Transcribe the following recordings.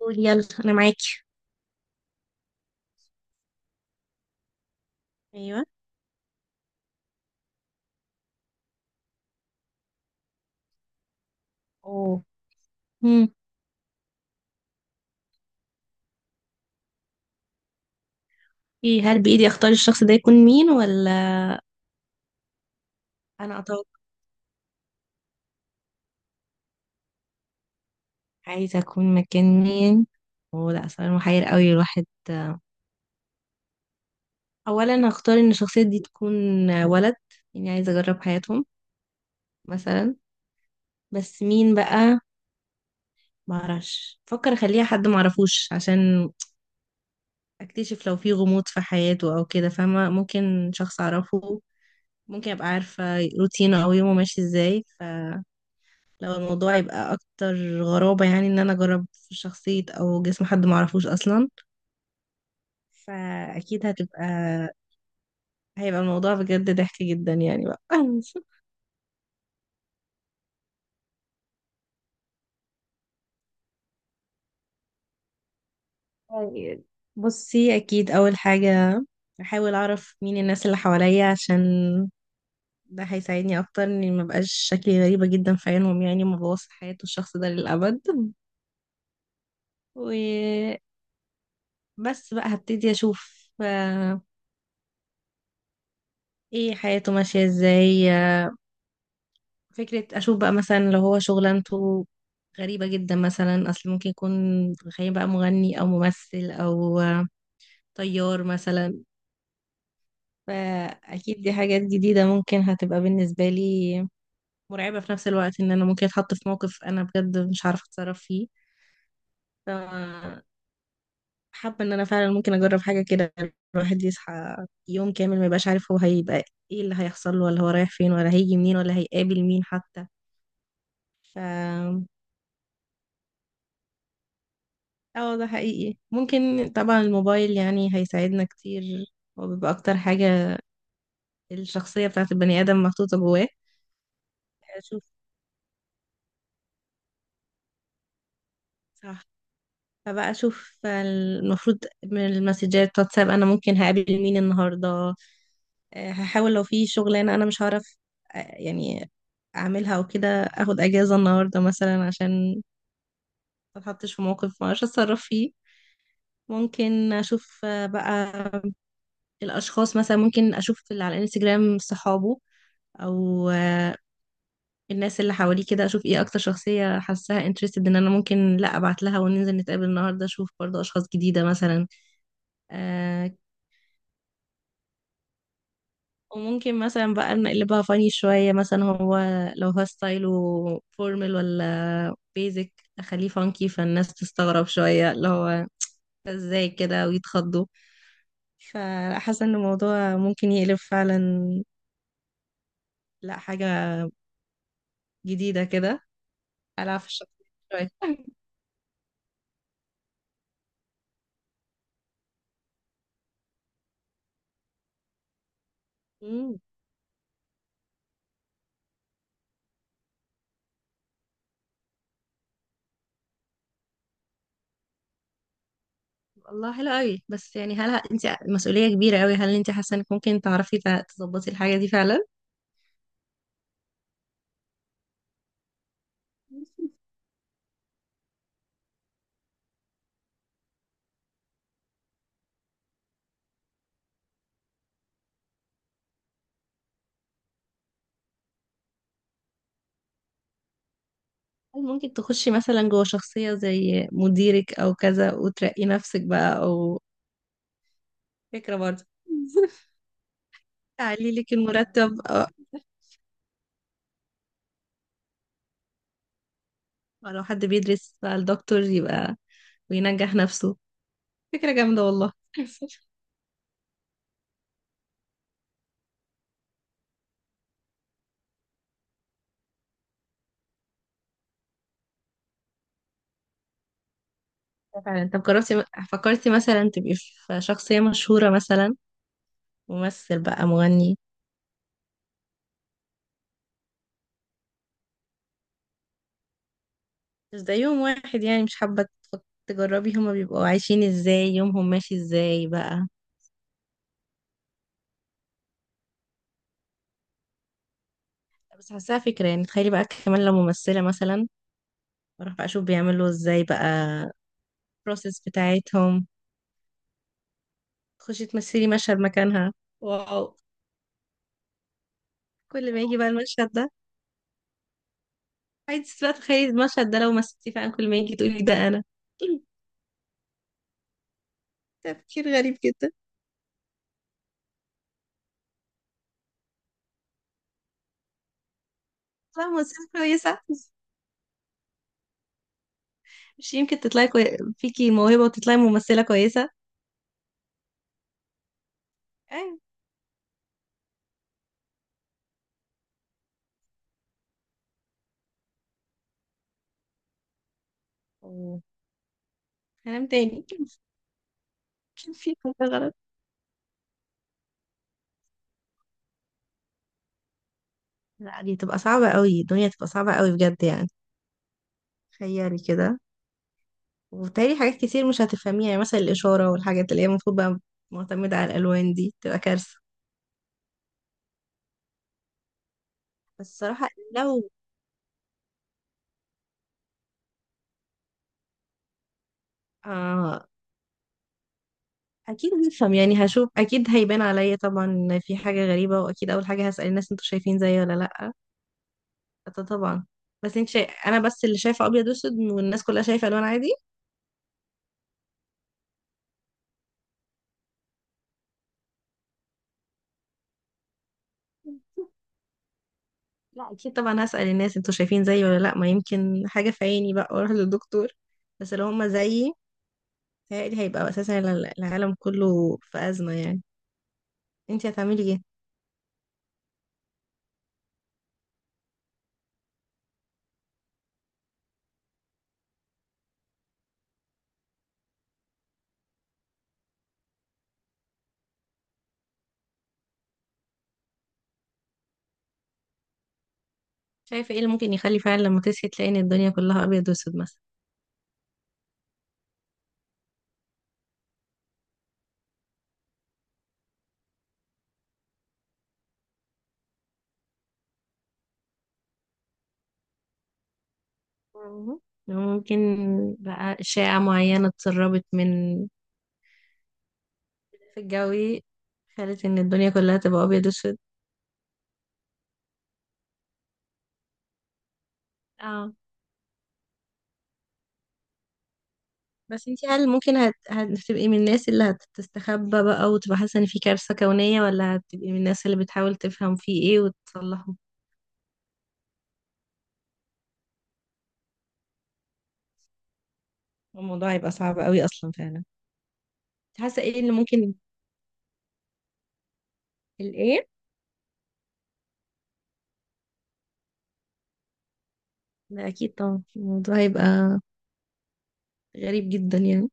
قول، يلا انا معاكي. ايوه. اوه. مم. ايه، هل بايدي اختار الشخص ده يكون مين ولا؟ انا اتوقع، عايزه اكون مكان مين. اوه لا، سؤال محير قوي الواحد. اولا هختار ان الشخصيه دي تكون ولد، يعني عايزه اجرب حياتهم مثلا. بس مين بقى؟ معرفش، فكر اخليها حد معرفوش عشان اكتشف لو في غموض في حياته او كده، فاهمه؟ ممكن شخص اعرفه، ممكن ابقى عارفه روتينه او يومه ماشي ازاي. لو الموضوع يبقى اكتر غرابة، يعني ان انا اجرب في شخصية او جسم حد معرفوش اصلا، فاكيد هيبقى الموضوع بجد ضحك جدا يعني بقى. طيب، بصي اكيد اول حاجة احاول اعرف مين الناس اللي حواليا، عشان ده هيساعدني اكتر اني ما بقاش شكلي غريبة جدا في عينهم، يعني ما بوظ حياة الشخص ده للابد. وبس بقى هبتدي اشوف، ايه حياته ماشية ازاي. فكرة، أشوف بقى مثلا لو هو شغلانته غريبة جدا مثلا، أصل ممكن يكون، تخيل بقى مغني أو ممثل أو طيار مثلا. فأكيد دي حاجات جديدة ممكن هتبقى بالنسبة لي مرعبة في نفس الوقت، إن أنا ممكن أتحط في موقف أنا بجد مش عارفة أتصرف فيه. ف حابة إن أنا فعلا ممكن أجرب حاجة كده. الواحد يصحى يوم كامل ما يبقاش عارف هو هيبقى إيه اللي هيحصل له، ولا هو رايح فين، ولا هيجي منين، ولا هيقابل مين حتى. ف اه، ده حقيقي. ممكن طبعا الموبايل يعني هيساعدنا كتير، هو بيبقى اكتر حاجة الشخصية بتاعت البني ادم محطوطة جواه. اشوف. صح. فبقى اشوف المفروض من المسجات واتساب انا ممكن هقابل مين النهاردة. هحاول لو في شغلانة انا مش هعرف، يعني اعملها، او كده اخد اجازة النهاردة مثلا عشان ما اتحطش في موقف ما اعرفش اتصرف فيه. ممكن اشوف بقى الاشخاص، مثلا ممكن اشوف اللي على الانستجرام صحابه او الناس اللي حواليه كده، اشوف ايه اكتر شخصية حاساها انترستد ان انا ممكن لا ابعت لها وننزل نتقابل النهاردة، اشوف برضو اشخاص جديدة مثلا. آه، وممكن مثلا بقى نقلبها فاني شوية، مثلا هو لو هو ستايله فورمال ولا بيزك اخليه فانكي، فالناس تستغرب شوية اللي هو ده ازاي كده ويتخضوا. فحاسة ان الموضوع ممكن يقلب فعلا لا حاجة جديدة كده، ألعب في الشخصية شوية. والله حلو قوي. بس يعني، هل انت مسؤولية كبيرة قوي، هل انت حاسة انك ممكن تعرفي تظبطي الحاجة دي فعلا؟ هل ممكن تخشي مثلا جوه شخصية زي مديرك او كذا وترقي نفسك بقى، او فكرة برضه؟ تعلي لك المرتب، أو، أو لو حد بيدرس بقى الدكتور، يبقى وينجح نفسه. فكرة جامدة والله. فعلا. طب جربتي، فكرتي مثلا تبقي في شخصية مشهورة مثلا؟ ممثل بقى، مغني. مش ده يوم واحد؟ يعني مش حابة تجربي هما بيبقوا عايشين ازاي، يومهم ماشي ازاي بقى؟ بس حاساها فكرة، يعني تخيلي بقى كمان لو ممثلة مثلا، اروح بقى اشوف بيعملوا ازاي بقى البروسيس بتاعتهم، تخشي تمثلي مشهد مكانها. واو. كل ما يجي بقى المشهد ده عايز بقى، تخيلي المشهد ده لو مثلتي فعلا، كل ما يجي تقولي ده انا. تفكير غريب جدا. لا، ممثلة كويسة. مش يمكن تطلعي فيكي موهبة وتطلعي ممثلة كويسة. ايوه. هنام تاني. كان في حاجة غلط. لا، دي تبقى صعبة قوي، الدنيا تبقى صعبة قوي بجد يعني. تخيلي كده، وبالتالي حاجات كتير مش هتفهميها، يعني مثلا الإشارة والحاجات اللي هي المفروض بقى معتمدة على الألوان، دي تبقى كارثة. بس الصراحة، لو، آه أكيد هفهم، يعني هشوف أكيد هيبان عليا طبعا إن في حاجة غريبة، وأكيد أول حاجة هسأل الناس: أنتوا شايفين زيي ولا لأ؟ ده طبعا. بس أنت شايف أنا بس اللي شايفة أبيض وأسود والناس كلها شايفة ألوان عادي. لا، اكيد طبعا هسأل الناس انتوا شايفين زيي ولا لا، ما يمكن حاجة في عيني بقى، واروح للدكتور. بس لو هما زيي، تهيألي هيبقى أساسا العالم كله في أزمة، يعني انتي هتعملي ايه؟ شايفة ايه اللي ممكن يخلي فعلا لما تصحي تلاقي ان الدنيا كلها أبيض وأسود مثلا؟ مم. ممكن بقى أشعة معينة اتسربت من في الجوي خلت ان الدنيا كلها تبقى أبيض وأسود. اه. بس انتي هل ممكن هتبقي من الناس اللي هتستخبى بقى وتبقى حاسة ان في كارثة كونية، ولا هتبقي من الناس اللي بتحاول تفهم فيه ايه وتصلحه؟ الموضوع هيبقى صعب قوي أصلا فعلا. حاسة ايه اللي ممكن الايه؟ لا، اكيد طبعا الموضوع هيبقى غريب جدا يعني.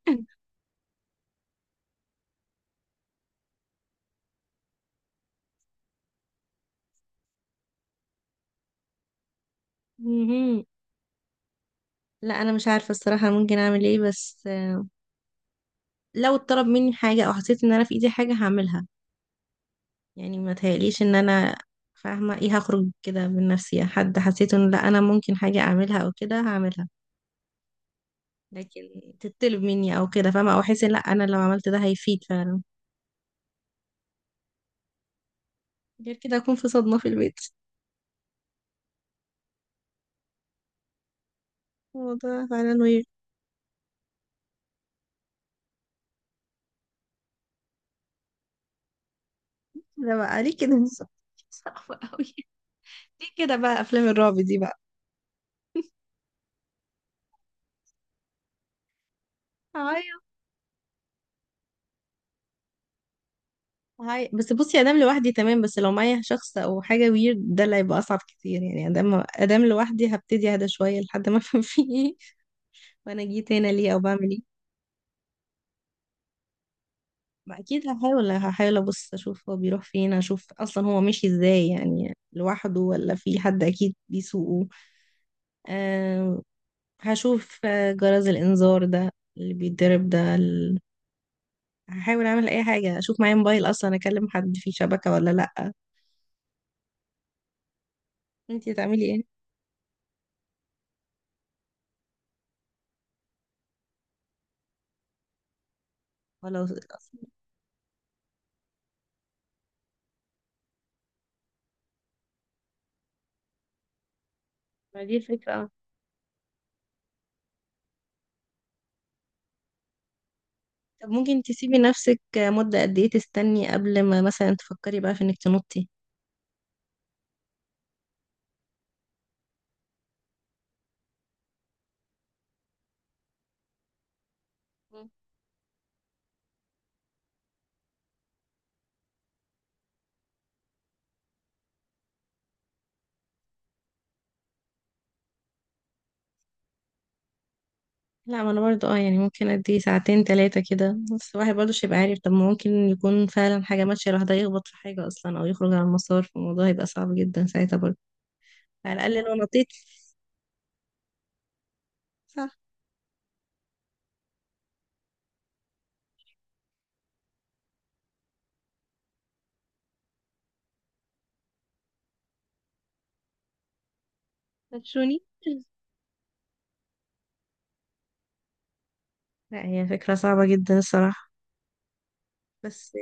مهم. لا، انا مش عارفه الصراحه ممكن اعمل ايه. بس لو اتطلب مني حاجه او حسيت ان انا في ايدي حاجه هعملها، يعني ما تهيأليش ان انا، فاهمه ايه، هخرج كده من نفسي، يعني حد حسيت ان لا انا ممكن حاجه اعملها او كده هعملها. لكن تتطلب مني او كده، فاهمه، او احس ان لا انا لو عملت ده هيفيد فعلا. غير كده اكون في صدمه في البيت. الموضوع فعلا وير. ده بقى ليه كده؟ صعب قوي. ليه كده بقى افلام الرعب دي؟ بقى، هاي، بس بصي، ادام لوحدي تمام، بس لو معايا شخص او حاجه ويرد ده اللي هيبقى اصعب كتير يعني. ادام لوحدي هبتدي اهدى شويه لحد ما افهم فيه ايه، وانا جيت هنا ليه او بعمل ايه. ما اكيد هحاول ابص اشوف هو بيروح فين، اشوف اصلا هو ماشي ازاي، يعني لوحده ولا في حد اكيد بيسوقه. أه. هشوف جرس الانذار ده اللي بيتضرب ده هحاول اعمل اي حاجه، اشوف معايا موبايل اصلا، اكلم حد فيه شبكه ولا لا. انتي هتعملي ايه؟ ولو اصلا، ما دي الفكرة. طب ممكن تسيبي نفسك مدة قد ايه تستني قبل ما مثلا تفكري بقى في انك تنطي؟ مم. لا، ما انا برضو اه يعني ممكن قد ايه، ساعتين تلاتة كده، بس الواحد برضو مش هيبقى عارف، طب ما ممكن يكون فعلا حاجة ماشية الواحد هيخبط في حاجة اصلا او يخرج عن المسار، فالموضوع هيبقى صعب جدا ساعتها برضو. على الاقل لو نطيت. صح. هتشوني. لا، هي فكرة صعبة جدا الصراحة. بس